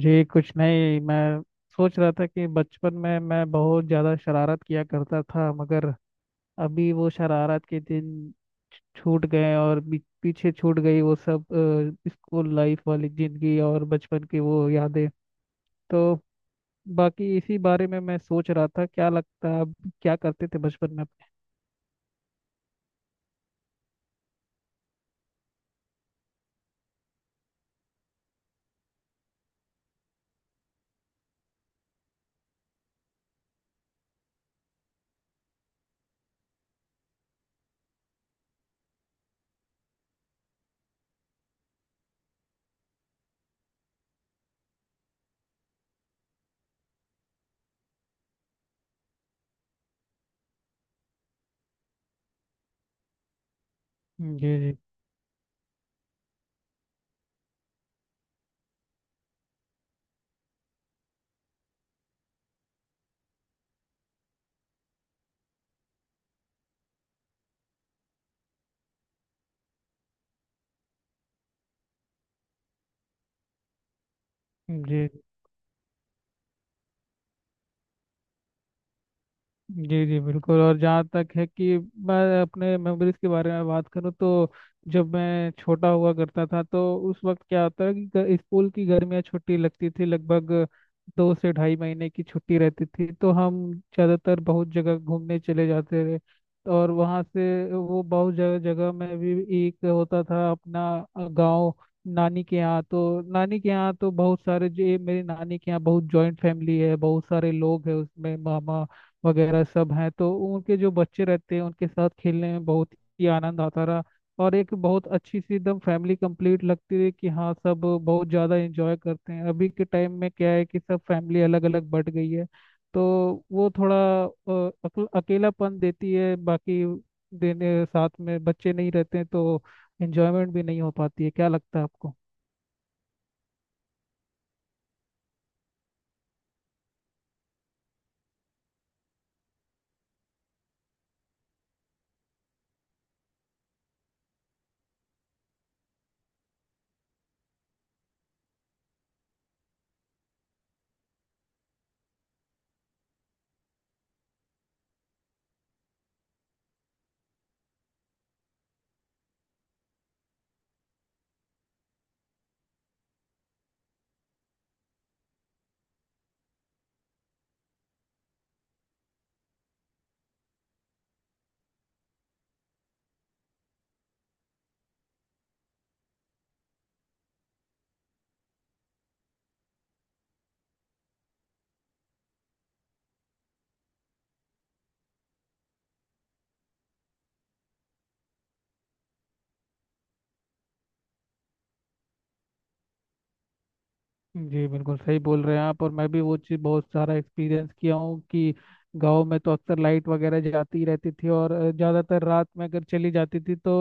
जी कुछ नहीं। मैं सोच रहा था कि बचपन में मैं बहुत ज़्यादा शरारत किया करता था, मगर अभी वो शरारत के दिन छूट गए, और पीछे छूट गई वो सब स्कूल लाइफ वाली जिंदगी और बचपन की वो यादें। तो बाकी इसी बारे में मैं सोच रहा था। क्या लगता है, आप क्या करते थे बचपन में अपने? जी जी। जी जी। जी बिल्कुल। और जहाँ तक है कि मैं अपने मेमोरीज के बारे में बात करूँ, तो जब मैं छोटा हुआ करता था तो उस वक्त क्या होता है कि स्कूल की गर्मियाँ छुट्टी लगती थी। लगभग दो से ढाई महीने की छुट्टी रहती थी, तो हम ज़्यादातर बहुत जगह घूमने चले जाते थे। और वहाँ से वो बहुत जगह जगह में भी एक होता था अपना गांव, नानी के यहाँ। तो नानी के यहाँ तो बहुत सारे जो ये, मेरी नानी के यहाँ बहुत जॉइंट फैमिली है, बहुत सारे लोग हैं उसमें, मामा वगैरह सब हैं। तो उनके जो बच्चे रहते हैं उनके साथ खेलने में बहुत ही आनंद आता रहा। और एक बहुत अच्छी सी एकदम फैमिली कंप्लीट लगती है कि हाँ, सब बहुत ज़्यादा एंजॉय करते हैं। अभी के टाइम में क्या है कि सब फैमिली अलग अलग बट गई है, तो वो थोड़ा अ, अकेलापन देती है। बाकी देने साथ में बच्चे नहीं रहते हैं, तो एंजॉयमेंट भी नहीं हो पाती है। क्या लगता है आपको? जी बिल्कुल सही बोल रहे हैं आप। और मैं भी वो चीज़ बहुत सारा एक्सपीरियंस किया हूँ कि गांव में तो अक्सर लाइट वगैरह जाती रहती थी। और ज़्यादातर रात में अगर चली जाती थी तो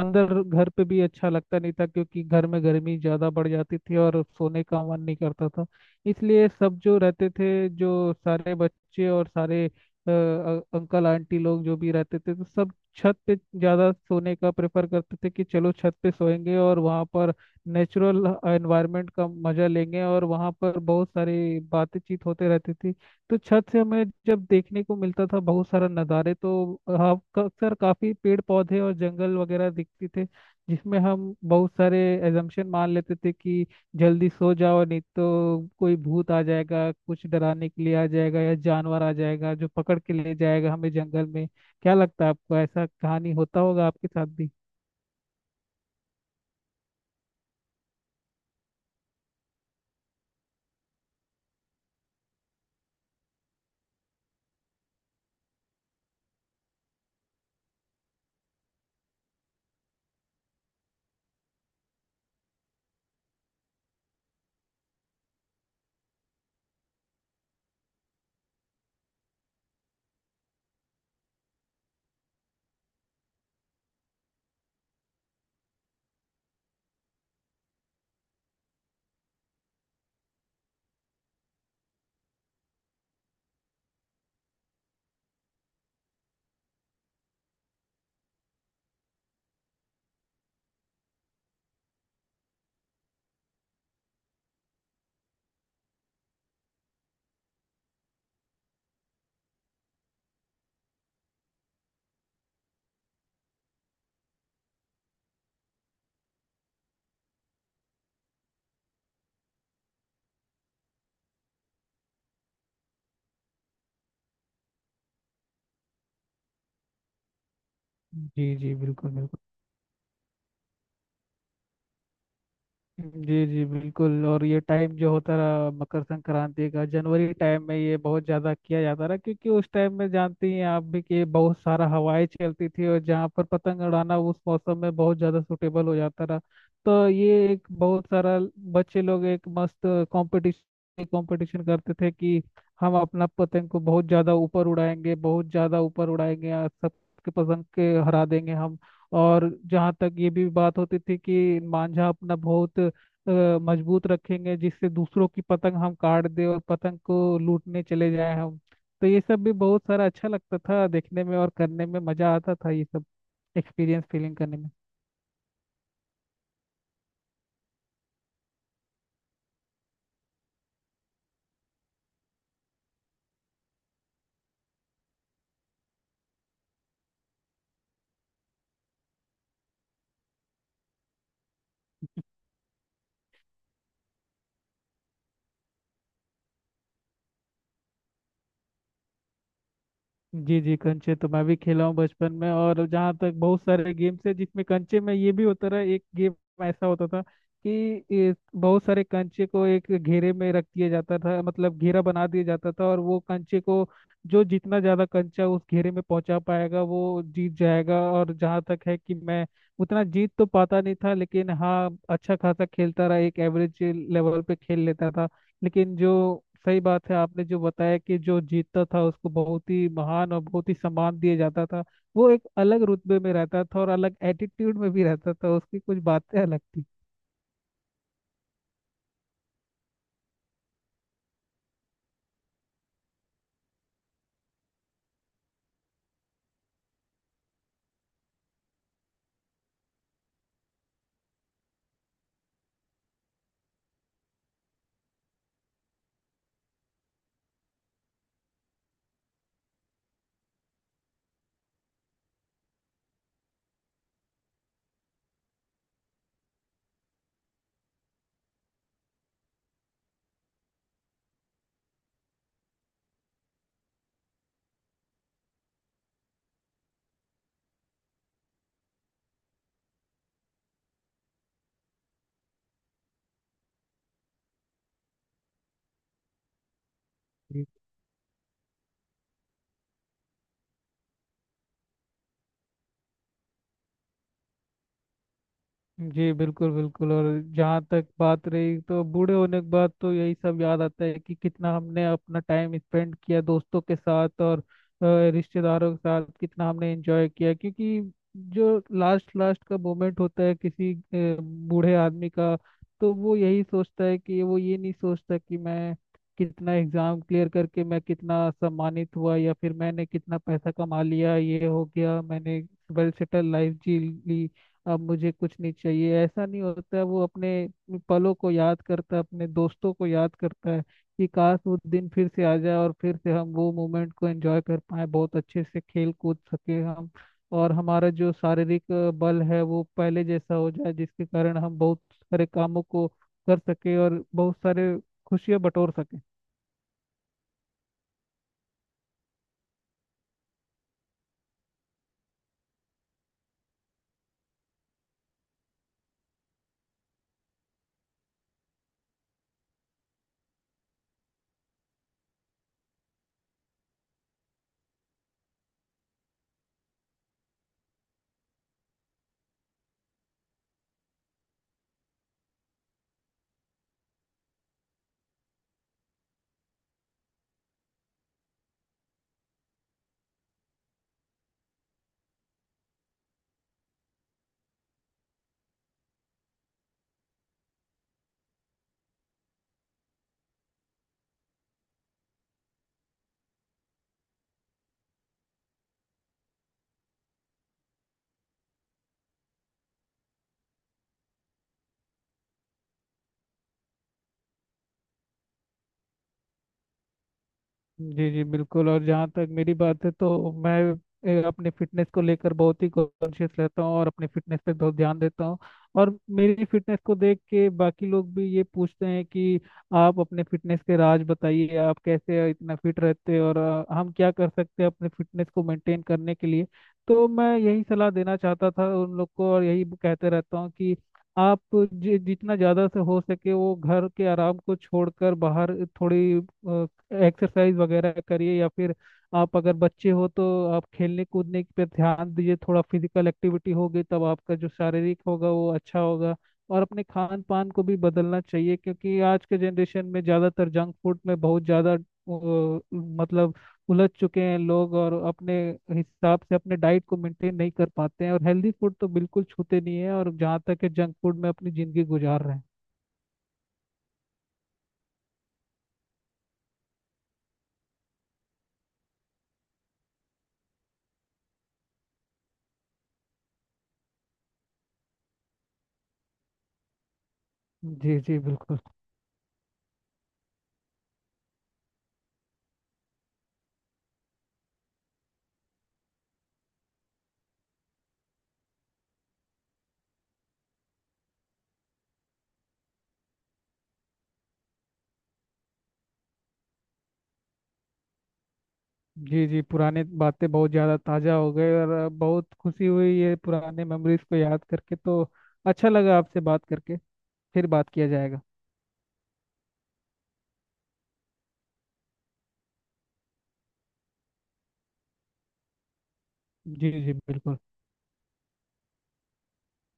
अंदर घर पे भी अच्छा लगता नहीं था, क्योंकि घर में गर्मी ज़्यादा बढ़ जाती थी और सोने का मन नहीं करता था। इसलिए सब जो रहते थे, जो सारे बच्चे और सारे अंकल आंटी लोग जो भी रहते थे, तो सब छत पे ज़्यादा सोने का प्रेफर करते थे कि चलो छत पे सोएंगे और वहाँ पर नेचुरल एनवायरनमेंट का मजा लेंगे। और वहाँ पर बहुत सारी बातचीत होते रहती थी। तो छत से हमें जब देखने को मिलता था बहुत सारा नज़ारे, तो हाँ, अक्सर काफ़ी पेड़ पौधे और जंगल वगैरह दिखते थे, जिसमें हम बहुत सारे एजम्पशन मान लेते थे कि जल्दी सो जाओ नहीं तो कोई भूत आ जाएगा, कुछ डराने के लिए आ जाएगा, या जानवर आ जाएगा जो पकड़ के ले जाएगा हमें जंगल में। क्या लगता है आपको, ऐसा कहानी होता होगा आपके साथ भी? जी जी बिल्कुल बिल्कुल। जी जी बिल्कुल। और ये टाइम जो होता रहा मकर संक्रांति का, जनवरी टाइम में ये बहुत ज़्यादा किया जाता रहा, क्योंकि उस टाइम में जानती हैं आप भी कि बहुत सारा हवाएं चलती थी, और जहाँ पर पतंग उड़ाना उस मौसम में बहुत ज़्यादा सुटेबल हो जाता रहा। तो ये एक बहुत सारा बच्चे लोग एक मस्त कंपटीशन कंपटीशन करते थे कि हम अपना पतंग को बहुत ज़्यादा ऊपर उड़ाएंगे, बहुत ज़्यादा ऊपर उड़ाएंगे, और सबके पतंग के हरा देंगे हम। और जहाँ तक ये भी बात होती थी कि मांझा अपना बहुत अ, मजबूत रखेंगे जिससे दूसरों की पतंग हम काट दें और पतंग को लूटने चले जाएं हम। तो ये सब भी बहुत सारा अच्छा लगता था देखने में, और करने में मजा आता था ये सब एक्सपीरियंस फीलिंग करने में। जी जी। कंचे तो मैं भी खेला हूँ बचपन में। और जहाँ तक बहुत सारे गेम्स है जिसमें कंचे में, ये भी होता रहा, एक गेम ऐसा होता था कि ये बहुत सारे कंचे को एक घेरे में रख दिया जाता था, मतलब घेरा बना दिया जाता था, और वो कंचे को जो जितना ज्यादा कंचा उस घेरे में पहुंचा पाएगा वो जीत जाएगा। और जहाँ तक है कि मैं उतना जीत तो पाता नहीं था, लेकिन हाँ, अच्छा खासा खेलता रहा, एक एवरेज लेवल पे खेल लेता था। लेकिन जो सही बात है, आपने जो बताया कि जो जीतता था उसको बहुत ही महान और बहुत ही सम्मान दिया जाता था, वो एक अलग रुतबे में रहता था, और अलग एटीट्यूड में भी रहता था, उसकी कुछ बातें अलग थी। जी बिल्कुल बिल्कुल। और जहाँ तक बात रही तो बूढ़े होने के बाद तो यही सब याद आता है कि कितना हमने अपना टाइम स्पेंड किया दोस्तों के साथ और रिश्तेदारों के साथ कितना हमने एंजॉय किया, क्योंकि जो लास्ट लास्ट का मोमेंट होता है किसी बूढ़े आदमी का, तो वो यही सोचता है, कि वो ये नहीं सोचता कि मैं कितना एग्जाम क्लियर करके मैं कितना सम्मानित हुआ या फिर मैंने कितना पैसा कमा लिया, ये हो गया मैंने, वेल सेटल लाइफ जी ली, अब मुझे कुछ नहीं चाहिए। ऐसा नहीं होता। वो अपने पलों को याद करता है, अपने दोस्तों को याद करता है, कि काश वो दिन फिर से आ जाए और फिर से हम वो मोमेंट को एंजॉय कर पाए, बहुत अच्छे से खेल कूद सके हम, और हमारा जो शारीरिक बल है वो पहले जैसा हो जाए, जिसके कारण हम बहुत सारे कामों को कर सके और बहुत सारे खुशियां बटोर सके। जी जी बिल्कुल। और जहाँ तक मेरी बात है तो मैं अपने फिटनेस को लेकर बहुत ही कॉन्शियस रहता हूँ और अपने फिटनेस पे बहुत ध्यान देता हूँ। और मेरी फिटनेस को देख के बाकी लोग भी ये पूछते हैं कि आप अपने फिटनेस के राज बताइए, आप कैसे इतना फिट रहते हैं, और हम क्या कर सकते हैं अपने फिटनेस को मेंटेन करने के लिए? तो मैं यही सलाह देना चाहता था उन लोग को, और यही कहते रहता हूँ कि आप जितना ज़्यादा से हो सके वो घर के आराम को छोड़कर बाहर थोड़ी एक्सरसाइज वगैरह करिए। या फिर आप अगर बच्चे हो तो आप खेलने कूदने पे ध्यान दीजिए, थोड़ा फिजिकल एक्टिविटी होगी तब आपका जो शारीरिक होगा वो अच्छा होगा। और अपने खान पान को भी बदलना चाहिए, क्योंकि आज के जनरेशन में ज़्यादातर जंक फूड में बहुत ज़्यादा मतलब उलझ चुके हैं लोग, और अपने हिसाब से अपने डाइट को मेंटेन नहीं कर पाते हैं, और हेल्दी फूड तो बिल्कुल छूते नहीं है, और जहाँ तक है जंक फूड में अपनी ज़िंदगी गुजार रहे हैं। जी जी बिल्कुल। जी जी पुराने बातें बहुत ज़्यादा ताज़ा हो गए, और बहुत खुशी हुई ये पुराने मेमोरीज को याद करके। तो अच्छा लगा आपसे बात करके। फिर बात किया जाएगा। जी जी बिल्कुल।